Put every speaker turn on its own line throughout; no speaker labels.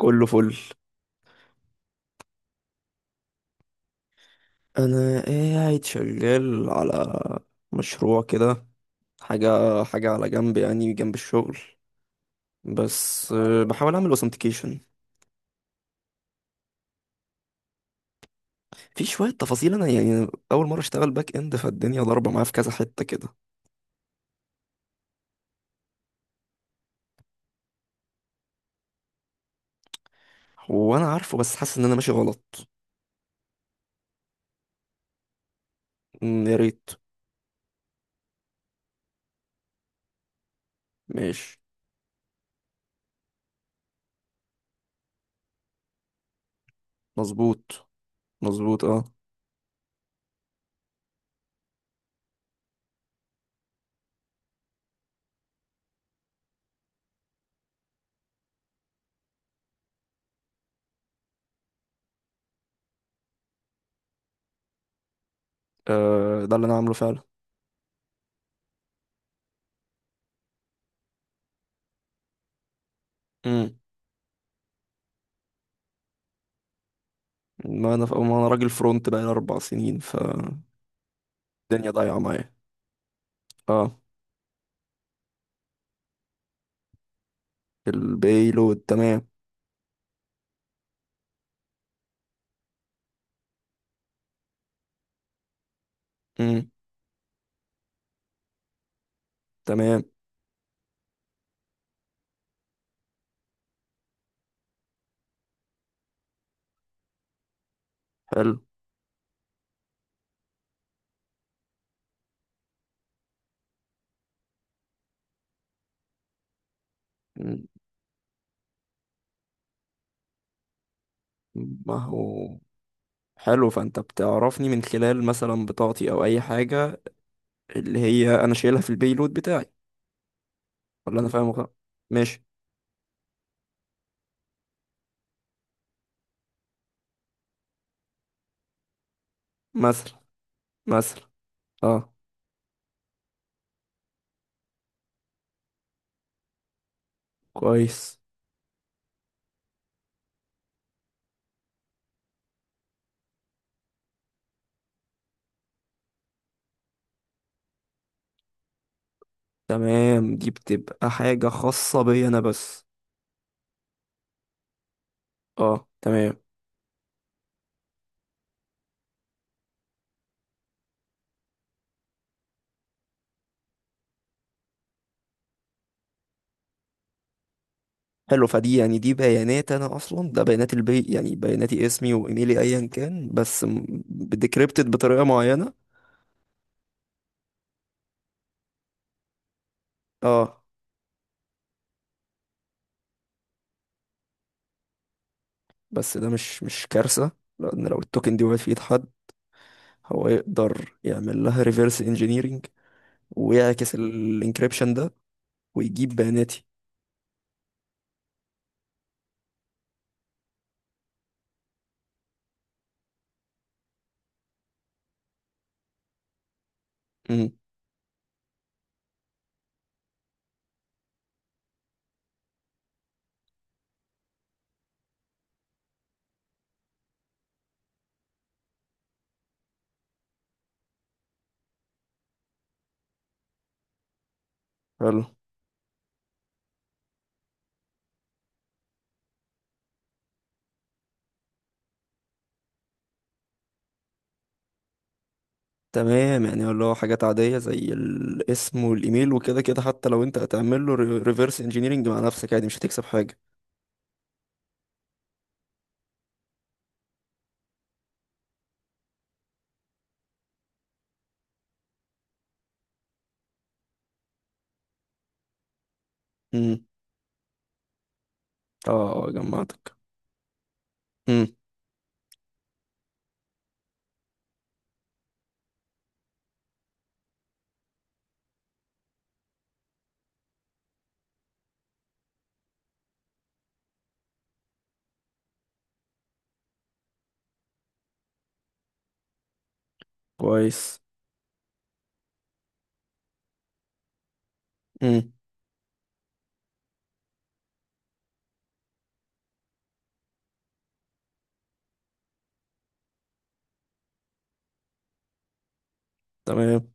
كله فل. انا قاعد شغال على مشروع كده، حاجه حاجه على جنب، يعني جنب الشغل. بس بحاول اعمل اوثنتيكيشن. في شويه تفاصيل، انا يعني اول مره اشتغل باك اند، فالدنيا ضاربه معايا في كذا حته كده. هو انا عارفه بس حاسس ان انا ماشي غلط. يا ريت. ماشي. مظبوط. مظبوط اه. آه، ده اللي انا عامله فعلا. امم. ما انا راجل فرونت بقى 4 سنين فالدنيا، ضايعه معايا. اه. البيلود تمام. امم. تمام. حلو. مم. ما هو، حلو، فانت بتعرفني من خلال مثلا بطاقتي او اي حاجه، اللي هي انا شايلها في البيلود بتاعي. ولا انا فاهم غلط؟ ماشي. مثلا. مثلا. اه. كويس. تمام، دي بتبقى حاجه خاصه بيا انا بس. اه تمام. حلو، فدي يعني دي بيانات، انا اصلا ده بيانات البي، يعني بياناتي، اسمي وايميلي ايا كان، بس بديكريبتد بطريقه معينه. اه، بس ده مش كارثة. لأن لو التوكن دي وقعت في إيد حد، هو يقدر يعمل لها ريفرس انجينيرينج، ويعكس الانكريبشن ده، ويجيب بياناتي. امم. حلو تمام، يعني اللي هو حاجات عادية زي الاسم والإيميل، وكده كده حتى لو أنت هتعمل له ريفرس انجينيرينج مع نفسك عادي، مش هتكسب حاجة. امم. اه، آه، جمعتك. امم. كويس. امم. تمام.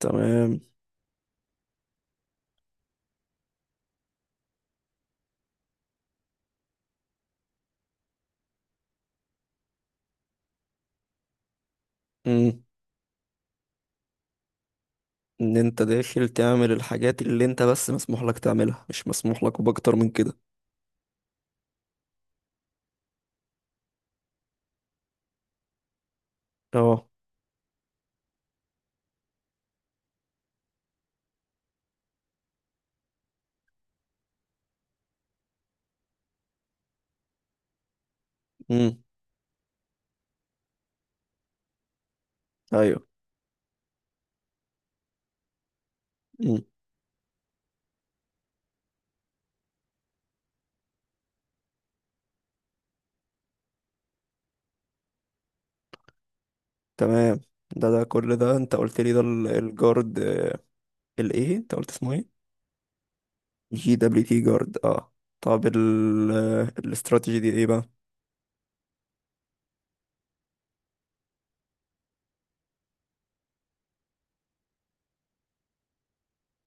تمام. امم. ان انت داخل تعمل الحاجات اللي انت بس مسموح لك تعملها، مش مسموح لك باكتر من كده. اه. امم. ايوه. امم. تمام. ده كل ده انت قلت لي، ده الجارد. الايه انت قلت اسمه ايه؟ جي دبليو تي جارد، اه. طب ال آه، الاستراتيجي دي ايه بقى؟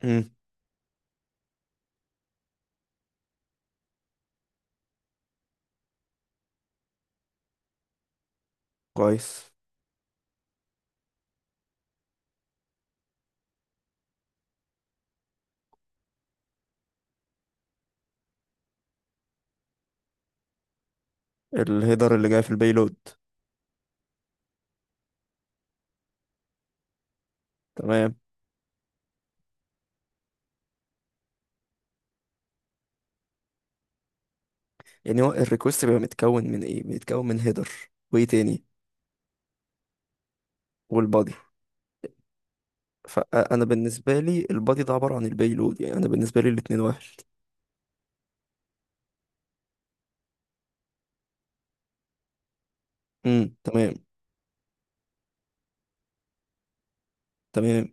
امم. كويس. الهيدر اللي جاي في البيلود. تمام، يعني هو الريكوست بيبقى متكون من ايه؟ بيتكون من هيدر. وايه تاني؟ والبادي. فانا بالنسبه لي البادي ده عباره عن البيلود، يعني انا بالنسبه لي الاتنين واحد. تمام. تمام.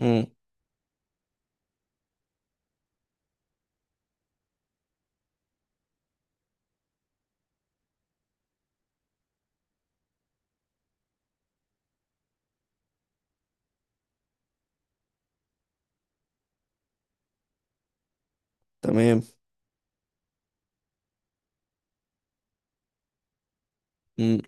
امم تمام. امم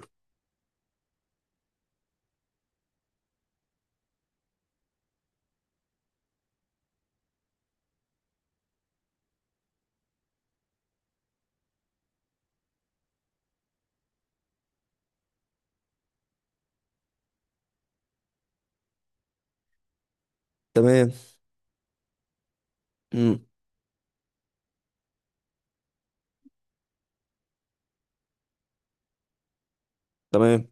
تمام. امم تمام.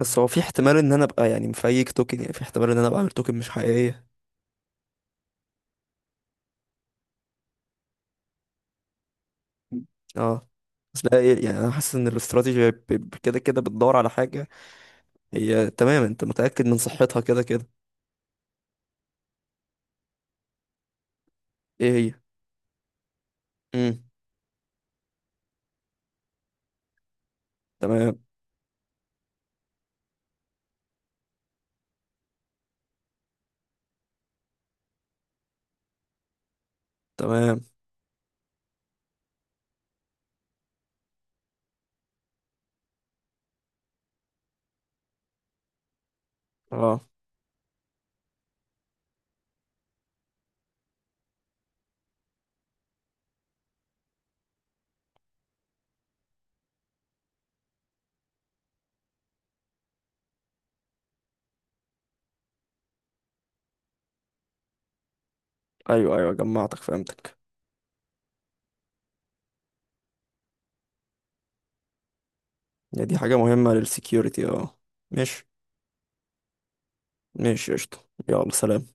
بس هو في احتمال ان انا ابقى يعني مفيك توكن، يعني في احتمال ان انا ابقى عامل توكن مش حقيقيه؟ اه، بس لا إيه، يعني انا حاسس ان الاستراتيجي كده كده بتدور على حاجه. هي تمام، انت متاكد من صحتها كده كده. ايه هي؟ امم تمام. تمام. اه، ايوه ايوه، جمعتك، فهمتك. يعني دي حاجه مهمه للسكيورتي، اه. ماشي. ماشي قشطه. يلا سلام.